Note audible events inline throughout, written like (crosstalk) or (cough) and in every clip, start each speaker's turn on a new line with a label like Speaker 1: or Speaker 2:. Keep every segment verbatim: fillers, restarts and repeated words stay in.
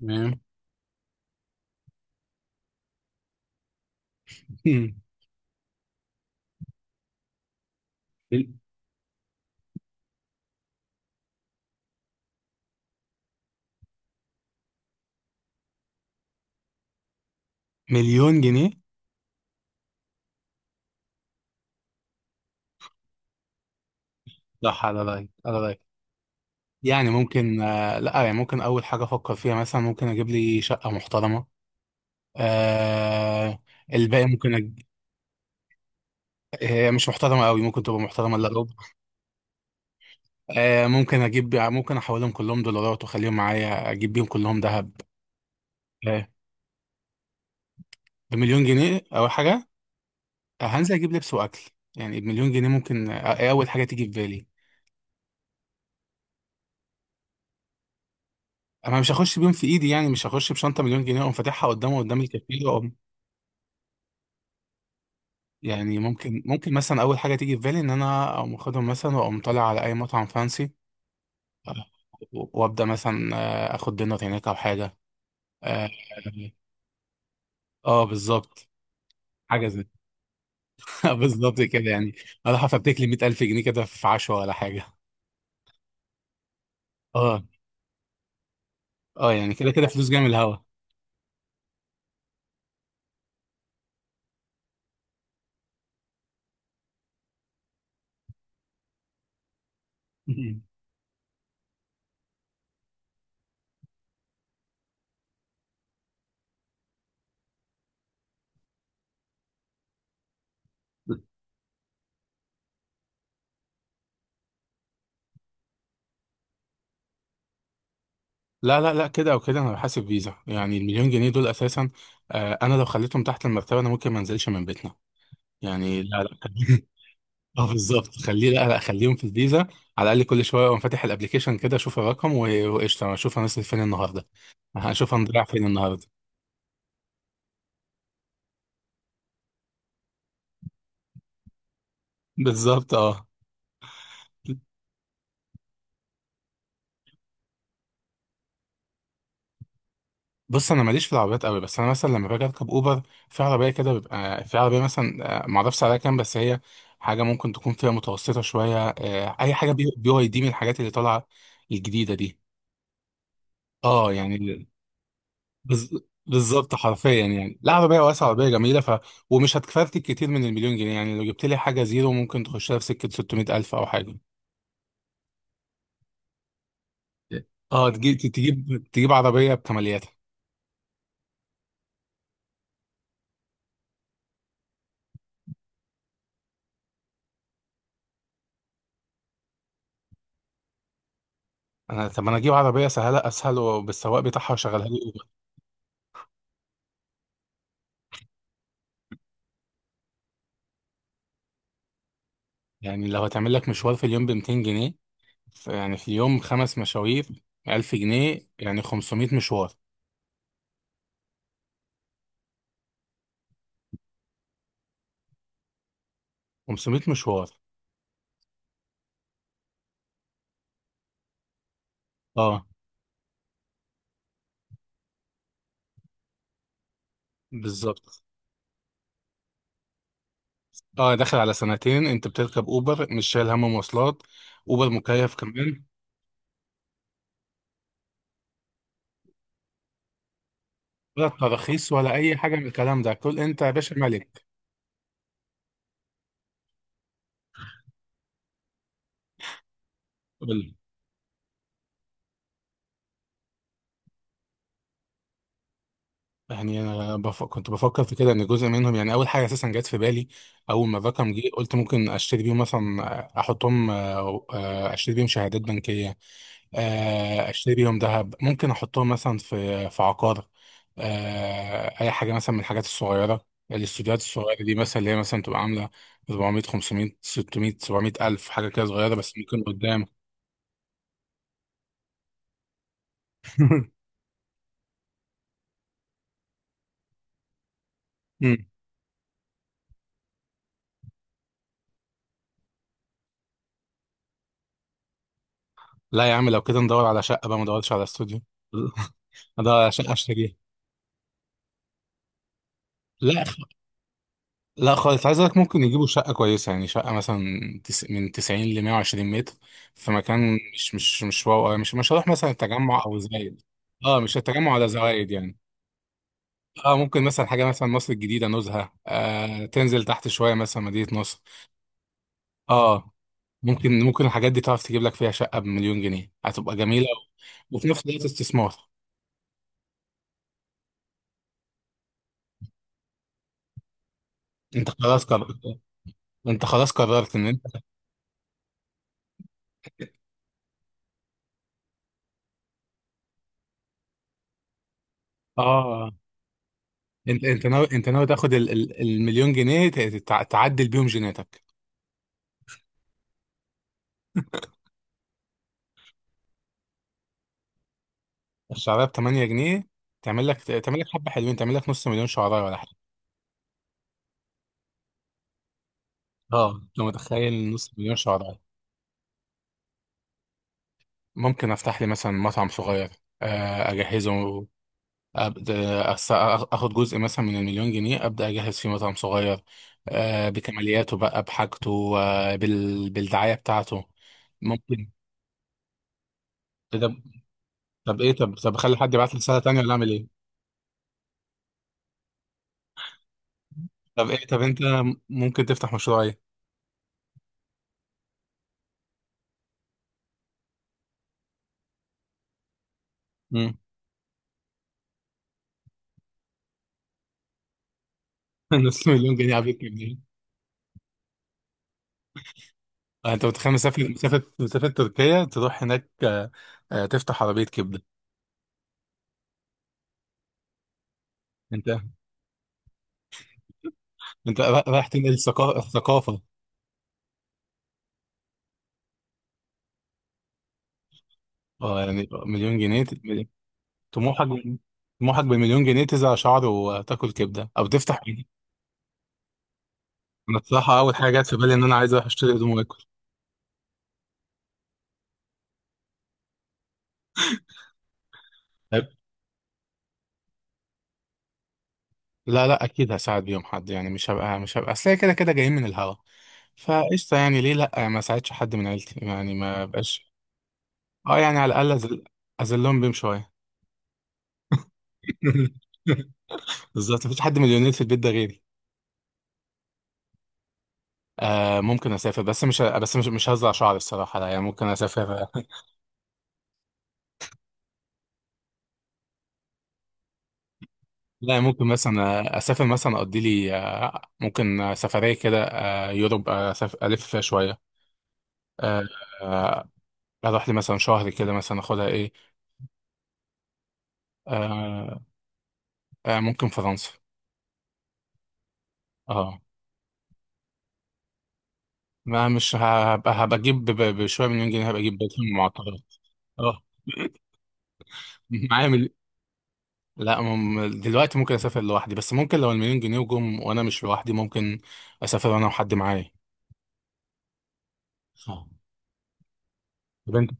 Speaker 1: تمام. (laughs) مل- مليون جنيه. صح، على رايك على رايك. يعني ممكن آه لا، يعني ممكن اول حاجه افكر فيها مثلا، ممكن اجيب لي شقه محترمه. آه الباقي ممكن أج... هي مش محترمه قوي، ممكن تبقى محترمه الا ربع. آه ممكن اجيب، ممكن احولهم كلهم دولارات واخليهم معايا، اجيب بيهم كلهم ذهب. آه بمليون جنيه اول حاجه. آه، هنزل اجيب لبس واكل. يعني بمليون جنيه ممكن، آه إيه اول حاجه تيجي في بالي. انا مش هخش بيهم في ايدي، يعني مش هخش بشنطه مليون جنيه اقوم فاتحها قدامه قدام الكافيه. يعني ممكن ممكن مثلا اول حاجه تيجي في بالي ان انا اقوم اخدهم مثلا، واقوم طالع على اي مطعم فانسي وابدا مثلا آه، اخد دينر هناك او حاجه. اه. آه، بالظبط. حاجه زي. (laughs) بالظبط كده يعني. اروح افتك لي مية الف جنيه كده في عشوه ولا حاجه. اه. اه يعني كده كده فلوس جايه من الهوا. (laughs) مم. لا لا لا، كده او كده انا بحاسب فيزا، يعني المليون جنيه دول اساسا. آه، انا لو خليتهم تحت المرتبه انا ممكن ما انزلش من بيتنا. يعني لا لا. (laughs) (laughs) اه بالظبط، خليه لا لا، خليهم في الفيزا. على الاقل كل شويه اقوم فاتح الابلكيشن كده اشوف الرقم و- وقشطه، انا اشوف هنصرف فين النهارده، هشوف هنضيع فين النهارده. بالظبط اه. بص، انا ماليش في العربيات قوي، بس انا مثلا لما باجي اركب اوبر في عربيه كده، بيبقى في عربيه مثلا آه، معرفش سعرها كام، بس هي حاجه ممكن تكون فيها متوسطه شويه. آه، اي حاجه بي بي واي دي من الحاجات اللي طالعه الجديده دي. اه يعني بز... بالظبط حرفيا، يعني لعبه بيها واسعه وبيها جميله. ف- ومش هتكفرتك كتير من المليون جنيه، يعني لو جبت لي حاجه زيرو ممكن تخشها في سكه ستمية الف او حاجه. اه، تجيب تجيب تجيب عربيه بكمالياتها. انا طب انا اجيب عربيه سهله اسهل وبالسواق بتاعها وشغلها لي اوبر. يعني لو هتعمل لك مشوار في اليوم ب ميتين جنيه، ف- يعني في اليوم خمس مشاوير الف جنيه، يعني خمسمية مشوار. خمسمية مشوار. اه بالظبط. اه، داخل على سنتين، انت بتركب اوبر مش شايل هم مواصلات، اوبر مكيف كمان. ولا تراخيص ولا اي حاجه من الكلام ده، كل انت يا باشا ملك. قول. يعني انا بف... كنت بفكر في كده، ان جزء منهم يعني اول حاجه اساسا جت في بالي، اول ما الرقم جه قلت ممكن اشتري بيهم مثلا. آه، احطهم، آه، آه، اشتري بيهم شهادات بنكيه. آه، اشتري بيهم ذهب. ممكن احطهم مثلا في في عقار. آه، اي حاجه مثلا من الحاجات الصغيره، الاستوديوهات الصغيره دي مثلا، اللي هي مثلا تبقى عامله اربعمية خمسمية ستمية سبعمية الف، حاجه كده صغيره بس ممكن قدام. (laughs) لا يا عم، لو كده ندور على شقة بقى، ما ندورش على استوديو. (laughs) ندور على شقة اشتريها. لا خ- لا خالص، عايز اقولك ممكن يجيبوا شقة كويسة، يعني شقة مثلا تس... من تسعين ل مية وعشرين متر، في مكان مش مش مش واو أوي. مش مش هروح مثلا التجمع او زايد. اه، مش التجمع ولا زوايد يعني. اه ممكن مثلا حاجة مثلا مصر الجديدة، نزهة، آه تنزل تحت شوية مثلا مدينة نصر. اه ممكن ممكن الحاجات دي تعرف تجيب لك فيها شقة بمليون جنيه هتبقى جميلة، وفي نفس الوقت استثمار. انت خلاص قررت، انت خلاص قررت ان انت اه، انت انت ناوي، انت ناوي تاخد ال- ال- المليون جنيه ت- تع- تعدل بيهم جيناتك. الشعرايه ب تمنية جنيه، تعمل لك تعمل لك حبه حلوين، تعمل لك نص مليون شعرايه ولا حاجه. اه، انت متخيل نص مليون شعرايه. ممكن افتح لي مثلا مطعم صغير. آه، اجهزه ابدا أس- اخد جزء مثلا من المليون جنيه، ابدا اجهز فيه مطعم صغير، آه، بكمالياته بقى بحاجته، آه، بال- بالدعايه بتاعته. ممكن. إيه ده؟ طب ايه، طب طب اخلي حد يبعت لي رساله تانيه ولا اعمل ايه؟ طب ايه، طب انت ممكن تفتح مشروع ايه؟ مم. (laughs) نص مليون جنيه عبيط منين؟ آه، انت متخيل مسافة مسافة مسافة تركيا، تروح هناك آه، آه، تفتح عربية كبدة. انت انت را- رايح تنقل ثقا- ثقافة. اه يعني مليون جنيه، ت- مليون- طموحك، طموحك بمليون جنيه تزرع شعر وتاكل كبدة او تفتح. انا الصراحة اول حاجة جت في بالي ان انا عايز اروح اشتري هدوم واكل. لا لا، اكيد هساعد بيهم حد، يعني مش هبقى مش هبقى اصل هي كده كده جايين من الهوا، فقشطه، يعني ليه لا ما ساعدش حد من عيلتي يعني، ما بقاش. اه يعني على الاقل أذل... اذلهم بيهم شويه. (laughs) بالظبط، مفيش حد مليونير في البيت ده غيري. آه ممكن اسافر، بس مش بس مش مش هزرع شعري الصراحه لا. يعني ممكن اسافر. (laughs) لا، ممكن مثلا اسافر، مثلا اقضي لي آه، ممكن سفريه كده، آه، يوروب، آه، أسافر الف فيها شويه. آه، آه، اروح لي مثلا شهر كده مثلا اخدها ايه. آه، آه، ممكن فرنسا. اه، ما مش هبقى، هبقى اجيب ب- بشويه مليون جنيه، هبقى اجيب بيت من المعطلات. اه. (laughs) معايا مل... لا مم... دلوقتي ممكن اسافر لوحدي، بس ممكن لو المليون جنيه جم وانا مش لوحدي، ممكن اسافر انا وحد معايا. اه. طب انت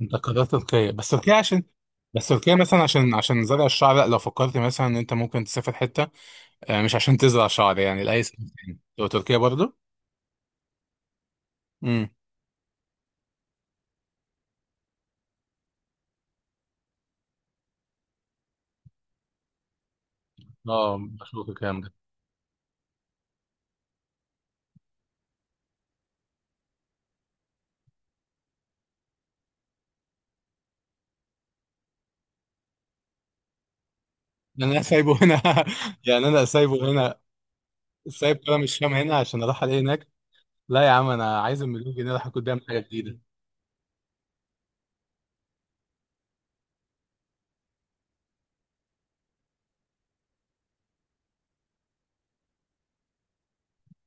Speaker 1: انت قررت تركيا. بس تركيا عشان، بس تركيا مثلا عشان، عشان زرع الشعر؟ لا، لو فكرت مثلا ان انت ممكن تسافر حته آه، مش عشان تزرع شعر يعني، لاي سبب تاني لو تركيا برضه. امم. اه، بشوف الكلام ده. انا سايبه هنا (laughs) يعني انا سايبه هنا، سايب كده مش فاهم هنا عشان اروح الاقي هناك؟ لا يا عم، انا عايز المليون جنيه اروح اكل بيهم حاجه جديده.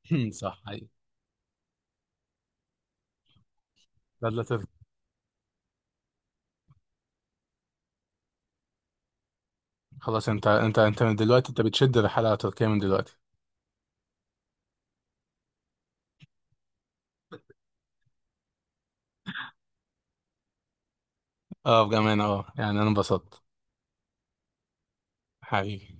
Speaker 1: (laughs) صح حقيقي. لا لا، تركي. خلاص انت انت انت من دلوقتي انت بتشد الرحله على تركيا من دلوقتي. اه بامانه، اه يعني انا انبسطت حقيقي.